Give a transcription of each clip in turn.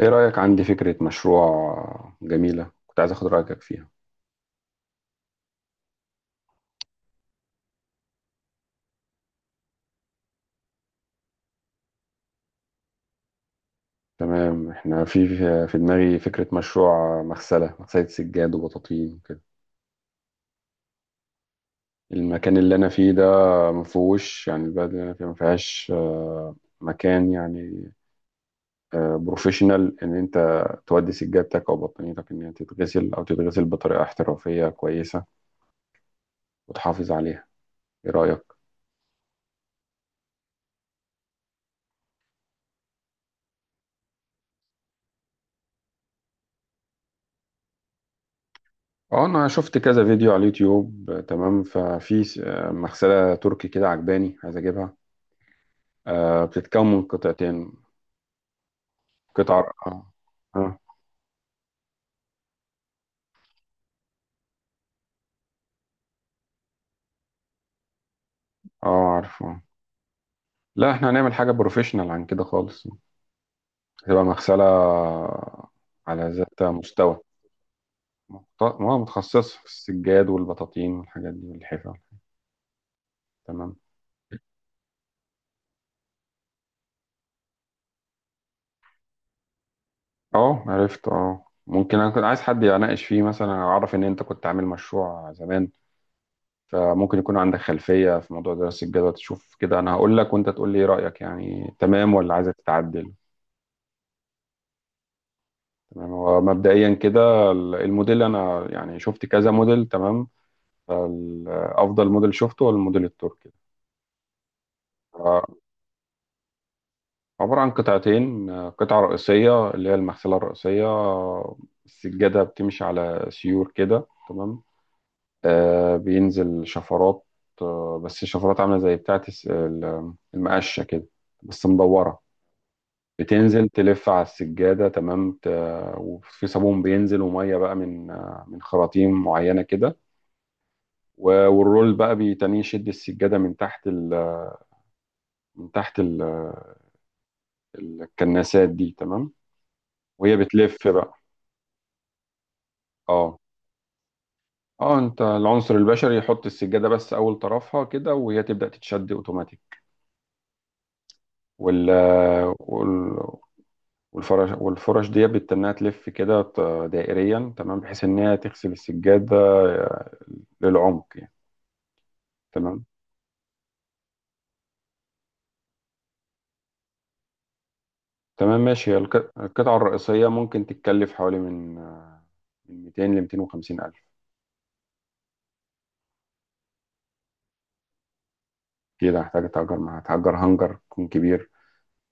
ايه رأيك؟ عندي فكرة مشروع جميلة، كنت عايز اخد رأيك فيها. تمام. احنا في دماغي فكرة مشروع مغسلة، سجاد وبطاطين وكده. المكان اللي انا فيه ده مفهوش، يعني البلد اللي انا فيها مفيهاش مكان يعني بروفيشنال، ان انت تودي سجادتك او بطانيتك، ان هي تتغسل او تتغسل بطريقة احترافية كويسة وتحافظ عليها. ايه رأيك؟ اه، انا شفت كذا فيديو على اليوتيوب، تمام. ففي مغسلة تركي كده عجباني، عايز اجيبها. بتتكون من قطعتين، قطعة اه. عارفه. لا، احنا هنعمل حاجة بروفيشنال عن كده خالص. هتبقى مغسلة على ذات مستوى، متخصصة في السجاد والبطاطين والحاجات دي والحفا. تمام. اه عرفت، اه ممكن. انا كنت عايز حد يناقش فيه مثلا، أنا اعرف ان انت كنت عامل مشروع زمان، فممكن يكون عندك خلفية في موضوع دراسة الجدوى. تشوف كده، انا هقول لك وانت تقول لي ايه رأيك يعني، تمام ولا عايزك تتعدل. تمام، هو مبدئيا كده الموديل، انا يعني شفت كذا موديل تمام. فافضل موديل شفته هو الموديل التركي. آه، عبارة عن قطعتين، قطعة رئيسية اللي هي المغسلة الرئيسية. السجادة بتمشي على سيور كده تمام. بينزل شفرات، بس الشفرات عاملة زي بتاعة المقشة كده، بس مدورة. بتنزل تلف على السجادة تمام. وفي صابون بينزل ومية بقى من خراطيم معينة كده. والرول بقى بيتنيه يشد السجادة من تحت من تحت الكناسات دي تمام. وهي بتلف بقى. اه، اه، انت العنصر البشري يحط السجادة بس اول طرفها كده، وهي تبدأ تتشد اوتوماتيك، وال... وال... والفرش دي بتتنيها تلف كده دائريا تمام، بحيث ان هي تغسل السجادة آه، للعمق يعني. تمام. تمام ماشي، هي القطعة الرئيسية ممكن تتكلف حوالي من 200 ل 250 ألف. كده هحتاج، اتأجر مع هتأجر هنجر يكون كبير،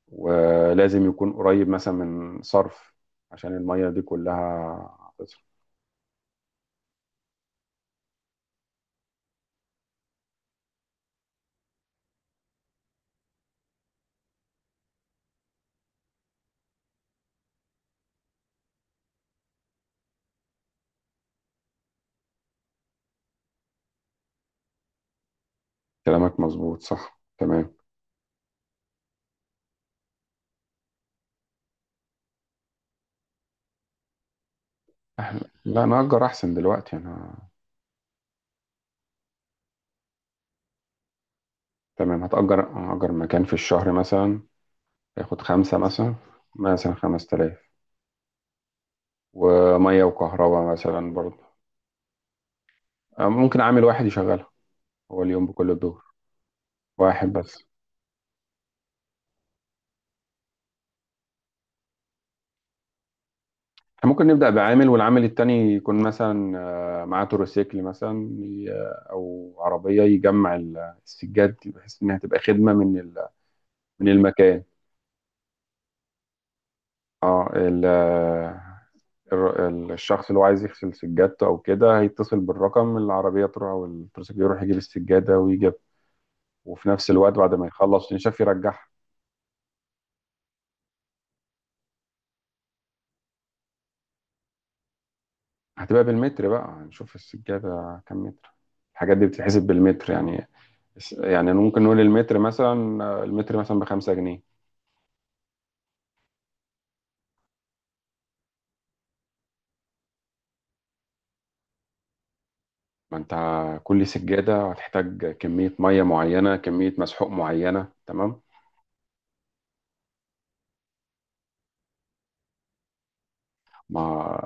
ولازم يكون قريب مثلا من صرف عشان المية دي كلها هتصرف. كلامك مظبوط، صح تمام. أحلى. لا، انا اجر احسن دلوقتي، انا. تمام. هأجر مكان في الشهر مثلا هياخد خمسة مثلا، مثلا 5000، ومية وكهرباء مثلا برضه. ممكن عامل واحد يشغلها، هو اليوم بكل الدور، واحد بس. احنا ممكن نبدأ بعامل، والعامل التاني يكون مثلا معاه تروسيكل مثلا أو عربية، يجمع السجاد، بحيث إنها تبقى خدمة من من المكان. اه، الشخص اللي هو عايز يغسل سجادته أو كده هيتصل بالرقم، العربية تروح أو التروسيكل يروح يجيب السجادة ويجيب، وفي نفس الوقت بعد ما يخلص ينشف يرجعها. هتبقى بالمتر بقى، هنشوف السجادة كام متر. الحاجات دي بتتحسب بالمتر يعني. يعني ممكن نقول المتر مثلا، ب5 جنيه. ما انت، كل سجادة هتحتاج كمية مية معينة، كمية مسحوق معينة تمام. ما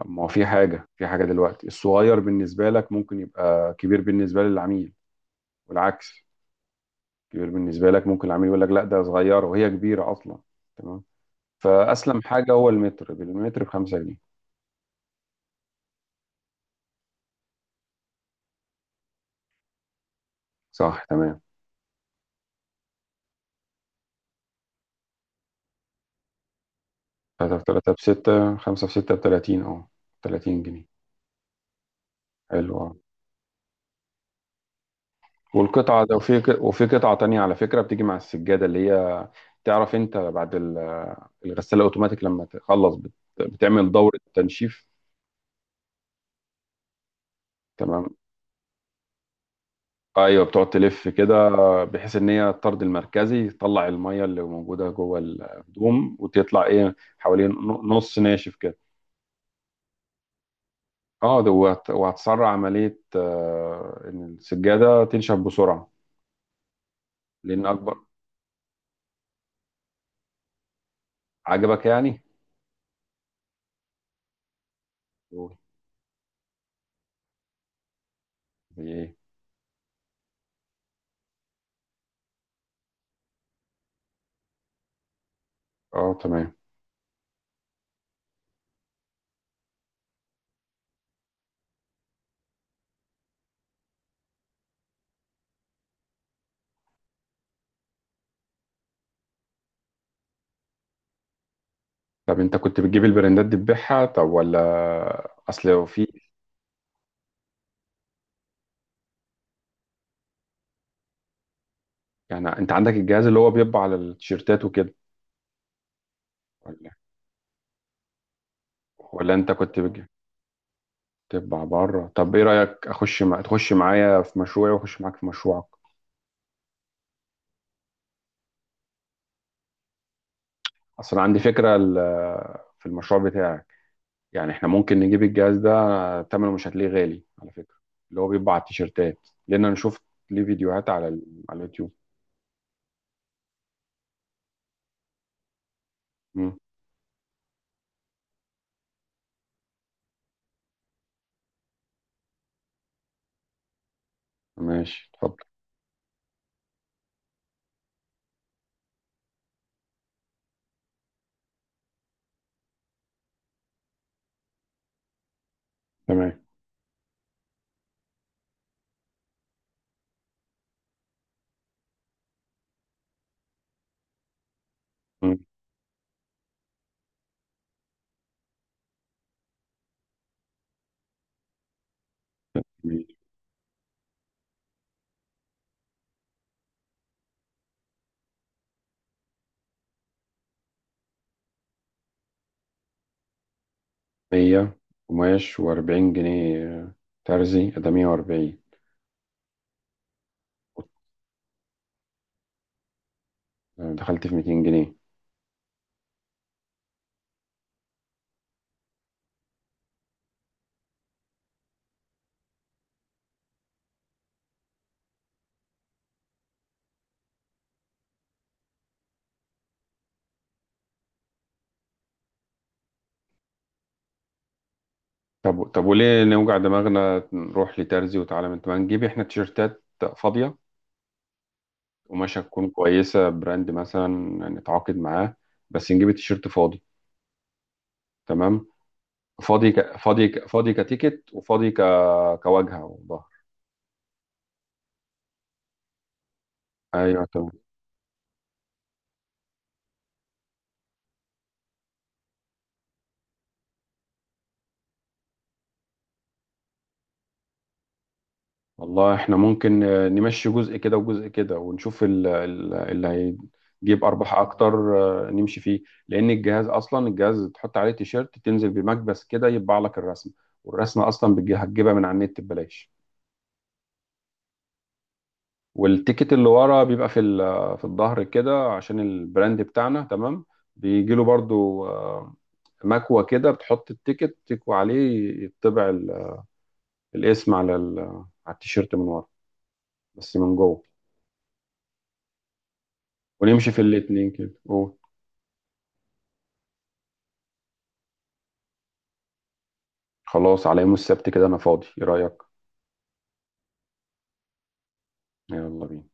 ما هو في حاجة، دلوقتي الصغير بالنسبة لك ممكن يبقى كبير بالنسبة للعميل، والعكس. كبير بالنسبة لك ممكن العميل يقول لك لا، ده صغيرة وهي كبيرة أصلا، تمام. فأسلم حاجة هو المتر، بالمتر ب5 جنيه. صح تمام. تلاتة في تلاتة بستة، خمسة في ستة ب30، اه، 30 جنيه. حلو اه. والقطعة ده، وفي قطعة تانية على فكرة بتيجي مع السجادة، اللي هي تعرف انت بعد الغسالة اوتوماتيك لما تخلص بتعمل دورة تنشيف تمام. ايوه، بتقعد تلف كده بحيث ان هي الطرد المركزي تطلع المية اللي موجودة جوه الهدوم، وتطلع ايه حوالين نص ناشف كده. اه، ده وهتسرع عملية، ان السجادة تنشف بسرعة لان اكبر. عجبك يعني؟ قول. ايه. اه تمام. طب انت كنت بتجيب البراندات دي تبيعها؟ طب ولا، اصل لو في. يعني انت عندك الجهاز اللي هو بيطبع على التيشيرتات وكده ولا؟ ولا انت كنت بتجيب تطبع بره؟ طب ايه رايك، تخش معايا في مشروعي واخش معاك في مشروعك؟ اصل عندي فكره في المشروع بتاعك، يعني احنا ممكن نجيب الجهاز ده، ثمنه مش هتلاقيه غالي على فكره، اللي هو بيطبع على التيشيرتات. لان انا شفت ليه فيديوهات على اليوتيوب. مم. ماشي اتفضل. تمام. مم. 100 قماش و40 جنيه، ترزي، ده 140. دخلت في 200 جنيه. طب وليه نوجع دماغنا نروح لترزي؟ وتعالى، من ما نجيب احنا تيشيرتات فاضية، قماشة تكون كويسة براند مثلا، نتعاقد معاه، بس نجيب التيشيرت فاضي. تمام. فاضي كتيكت، وفاضي كواجهة وظهر. ايوه. والله احنا ممكن نمشي جزء كده وجزء كده، ونشوف اللي هيجيب ارباح اكتر، نمشي فيه. لان الجهاز اصلا، الجهاز تحط عليه تيشيرت تنزل بمكبس كده يطبع لك الرسمه، والرسمه اصلا هتجيبها من على النت ببلاش. والتيكت اللي ورا بيبقى في الظهر كده عشان البراند بتاعنا تمام. بيجي له برضو مكوه كده، بتحط التيكت تكوي عليه يطبع الاسم على التيشيرت من ورا، بس من جوه. ونمشي في الاتنين كده. خلاص، على يوم السبت كده انا فاضي، ايه رأيك؟ يلا بينا.